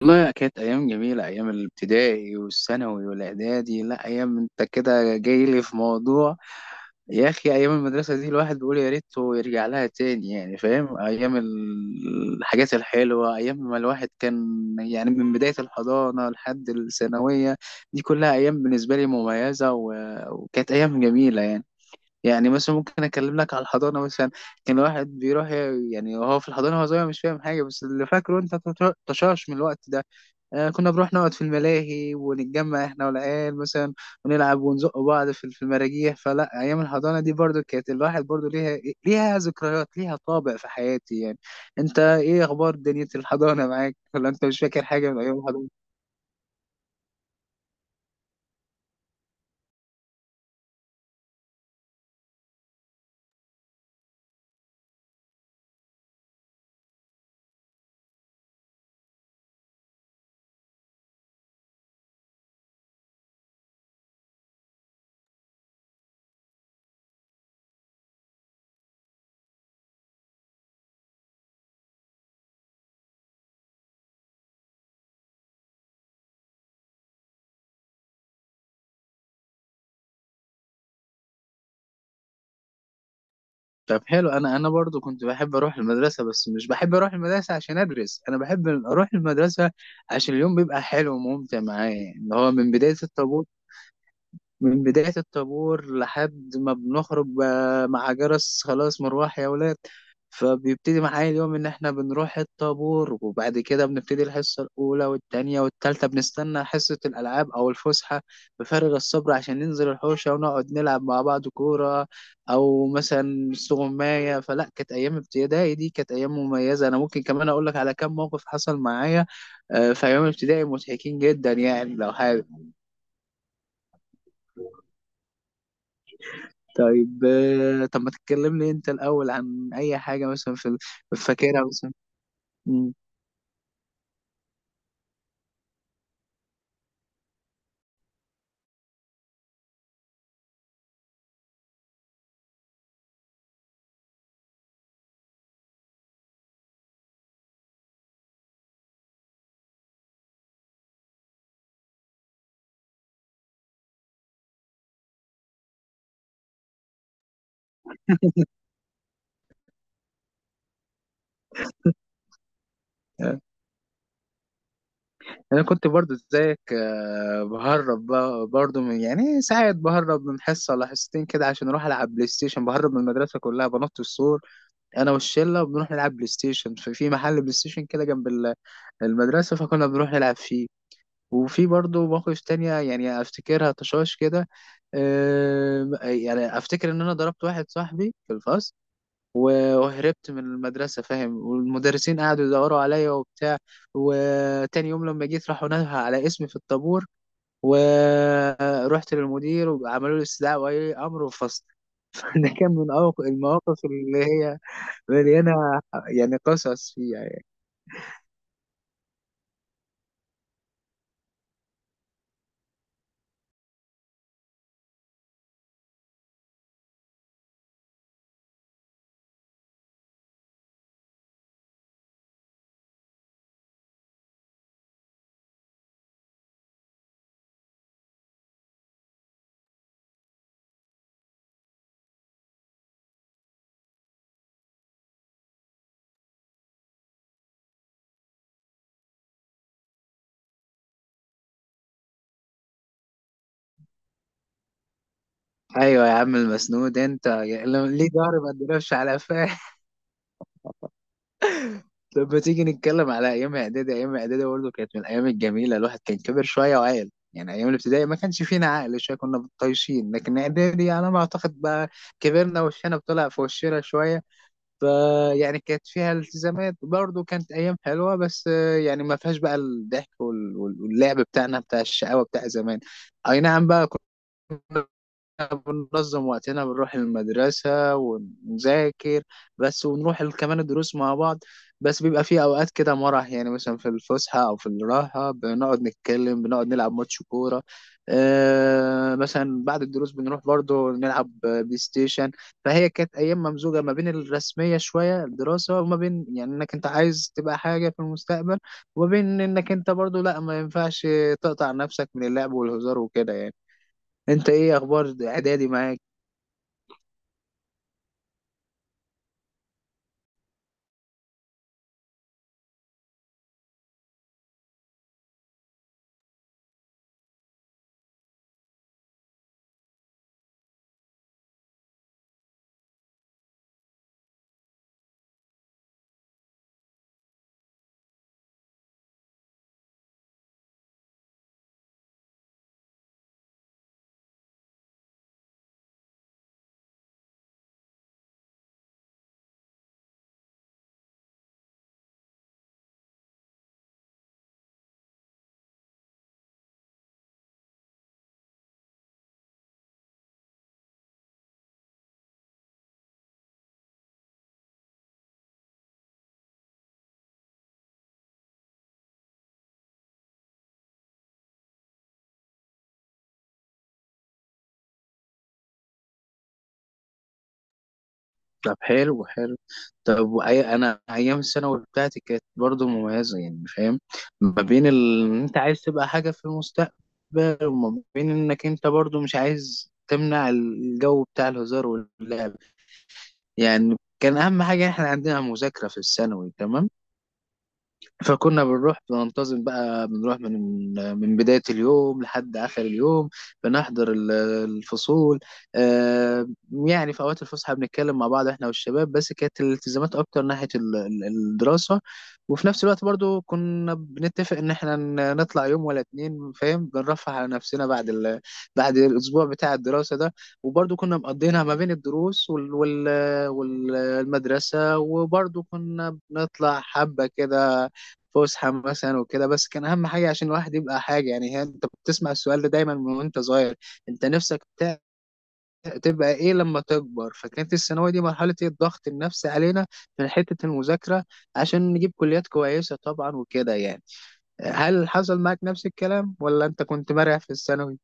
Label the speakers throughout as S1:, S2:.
S1: والله كانت أيام جميلة، أيام الابتدائي والثانوي والإعدادي. لا أيام، أنت كده جاي لي في موضوع. يا أخي أيام المدرسة دي الواحد بيقول يا ريته يرجع لها تاني، يعني فاهم، أيام الحاجات الحلوة، أيام ما الواحد كان يعني من بداية الحضانة لحد الثانوية. دي كلها أيام بالنسبة لي مميزة، وكانت أيام جميلة يعني. يعني مثلا ممكن أكلم لك على الحضانة مثلا. كان الواحد بيروح يعني وهو في الحضانة، هو صغير مش فاهم حاجة، بس اللي فاكره أنت تشاش من الوقت ده. كنا بنروح نقعد في الملاهي ونتجمع احنا والعيال مثلا، ونلعب ونزق بعض في المراجيح. فلا ايام الحضانه دي برضو كانت الواحد برضو ليها، ليها ذكريات، ليها طابع في حياتي يعني. انت ايه اخبار دنيا الحضانه معاك؟ ولا انت مش فاكر حاجه من ايام الحضانه؟ طب حلو، انا برضو كنت بحب اروح المدرسه، بس مش بحب اروح المدرسه عشان ادرس، انا بحب اروح المدرسه عشان اليوم بيبقى حلو وممتع معايا، اللي هو من بداية الطابور لحد ما بنخرج مع جرس خلاص مروح يا ولاد. فبيبتدي معايا اليوم إن إحنا بنروح الطابور، وبعد كده بنبتدي الحصة الأولى والتانية والتالتة، بنستنى حصة الألعاب أو الفسحة بفارغ الصبر عشان ننزل الحوشة ونقعد نلعب مع بعض كورة أو مثلا استغماية. فلا كانت أيام ابتدائي دي كانت أيام مميزة. أنا ممكن كمان أقول لك على كم موقف حصل معايا في أيام ابتدائي مضحكين جدا يعني، لو حابب. طيب طب ما تكلمني انت الاول عن اي حاجه مثلا في فاكرها مثلا. مم. آه، انا كنت برضو زيك، بهرب برضو من يعني ساعات، بهرب من حصه ولا حصتين كده عشان اروح العب بلاي ستيشن، بهرب من المدرسه كلها، بنط السور انا والشله وبنروح نلعب بلاي ستيشن في محل بلاي ستيشن كده جنب المدرسه، فكنا بنروح نلعب فيه. وفي برضو مواقف تانية يعني افتكرها طشاش كده. يعني افتكر ان انا ضربت واحد صاحبي في الفصل، وهربت من المدرسة، فاهم، والمدرسين قعدوا يدوروا عليا وبتاع. وتاني يوم لما جيت، راحوا نده على اسمي في الطابور، ورحت للمدير وعملوا لي استدعاء ولي أمر وفصل. ده كان من المواقف اللي هي مليانة يعني قصص فيها يعني. أيوة يا عم المسنود أنت، يعني ليه ضهري ما اتضربش على، فاهم. طب ما تيجي نتكلم على ايام اعدادي. ايام اعدادي برضه كانت من الايام الجميله، الواحد كان كبر شويه وعاقل. يعني ايام الابتدائي ما كانش فينا عقل شويه، كنا طايشين، لكن اعدادي على ما اعتقد بقى كبرنا وشنا بطلع في وشنا شويه. فيعني كانت فيها التزامات، برضه كانت ايام حلوه، بس يعني ما فيهاش بقى الضحك واللعب بتاعنا بتاع الشقاوه بتاع زمان. اي نعم بقى ننظم وقتنا، بنروح المدرسة ونذاكر بس، ونروح كمان الدروس مع بعض. بس بيبقى في أوقات كده مرح يعني، مثلا في الفسحة أو في الراحة بنقعد نتكلم، بنقعد نلعب ماتش كورة. آه مثلا بعد الدروس بنروح برضو نلعب بلاي ستيشن. فهي كانت أيام ممزوجة ما بين الرسمية شوية، الدراسة، وما بين يعني إنك أنت عايز تبقى حاجة في المستقبل، وما بين إنك أنت برضو لأ ما ينفعش تقطع نفسك من اللعب والهزار وكده يعني. أنت إيه أخبار إعدادي معاك؟ طب حلو حلو. طب انا ايام الثانوي بتاعتي كانت برضو مميزه، يعني فاهم، ما بين إن انت عايز تبقى حاجه في المستقبل، وما بين انك انت برضو مش عايز تمنع الجو بتاع الهزار واللعب. يعني كان اهم حاجه احنا عندنا مذاكره في الثانوي، تمام، فكنا بنروح بننتظم بقى، بنروح من بداية اليوم لحد آخر اليوم، بنحضر الفصول. يعني في أوقات الفسحة بنتكلم مع بعض إحنا والشباب، بس كانت الالتزامات أكتر ناحية الدراسة. وفي نفس الوقت برضو كنا بنتفق إن إحنا نطلع يوم ولا اتنين، فاهم، بنرفه على نفسنا بعد بعد الأسبوع بتاع الدراسة ده. وبرضو كنا مقضينها ما بين الدروس والمدرسة، وبرضو كنا بنطلع حبة كده فسحه مثلا وكده. بس كان اهم حاجه عشان الواحد يبقى حاجه، يعني هي انت بتسمع السؤال ده دايما من وانت صغير، انت نفسك تبقى ايه لما تكبر؟ فكانت الثانويه دي مرحله إيه؟ الضغط النفسي علينا من حته المذاكره عشان نجيب كليات كويسه طبعا، وكده يعني. هل حصل معاك نفس الكلام، ولا انت كنت مرع في الثانوي؟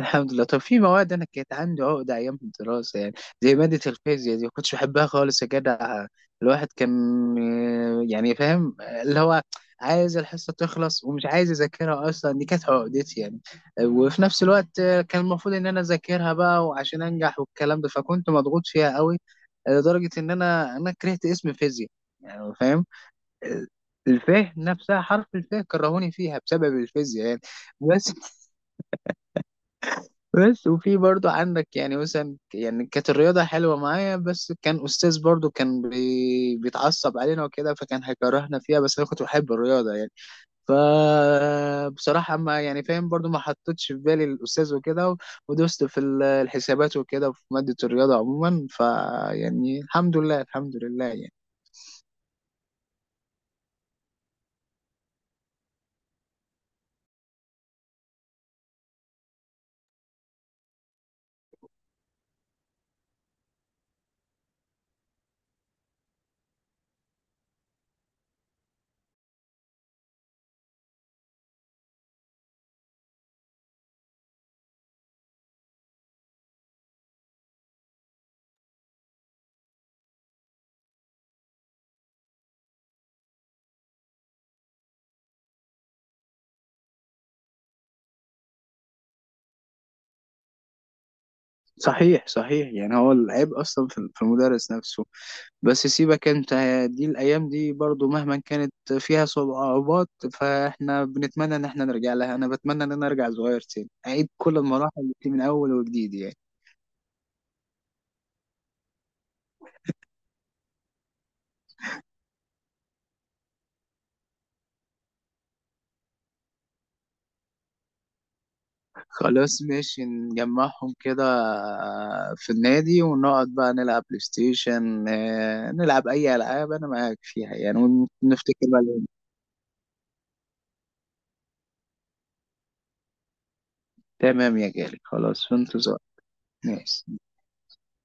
S1: الحمد لله. طب في مواد انا كانت عندي عقده ايام الدراسه يعني، زي ماده الفيزياء دي ما كنتش بحبها خالص يا جدع. الواحد كان يعني فاهم، اللي هو عايز الحصه تخلص ومش عايز اذاكرها اصلا، دي كانت عقدتي يعني. وفي نفس الوقت كان المفروض ان انا اذاكرها بقى وعشان انجح والكلام ده، فكنت مضغوط فيها قوي. لدرجه ان انا كرهت اسم فيزياء، يعني فاهم. آه، الفيه نفسها، حرف الفيه، كرهوني فيها بسبب الفيزياء يعني. بس بس وفي برضو عندك يعني مثلا، يعني كانت الرياضة حلوة معايا، بس كان أستاذ برضو كان بيتعصب علينا وكده، فكان هيكرهنا فيها، بس أنا كنت بحب الرياضة يعني. فبصراحة ما يعني فاهم، برضو ما حطيتش في بالي الأستاذ وكده، ودوست في الحسابات وكده في مادة الرياضة عموما، فيعني الحمد لله الحمد لله يعني. صحيح صحيح، يعني هو العيب أصلا في المدرس نفسه. بس سيبك انت، دي الايام دي برضو مهما كانت فيها صعوبات فاحنا بنتمنى ان احنا نرجع لها. انا بتمنى ان انا ارجع صغير تاني، اعيد كل المراحل دي من اول وجديد يعني. خلاص ماشي نجمعهم كده، في النادي ونقعد بقى نلعب بلاي ستيشن، نلعب اي العاب انا معاك فيها يعني. ونفتكر بقى الأيام. تمام يا غالي، خلاص في انتظار. ماشي.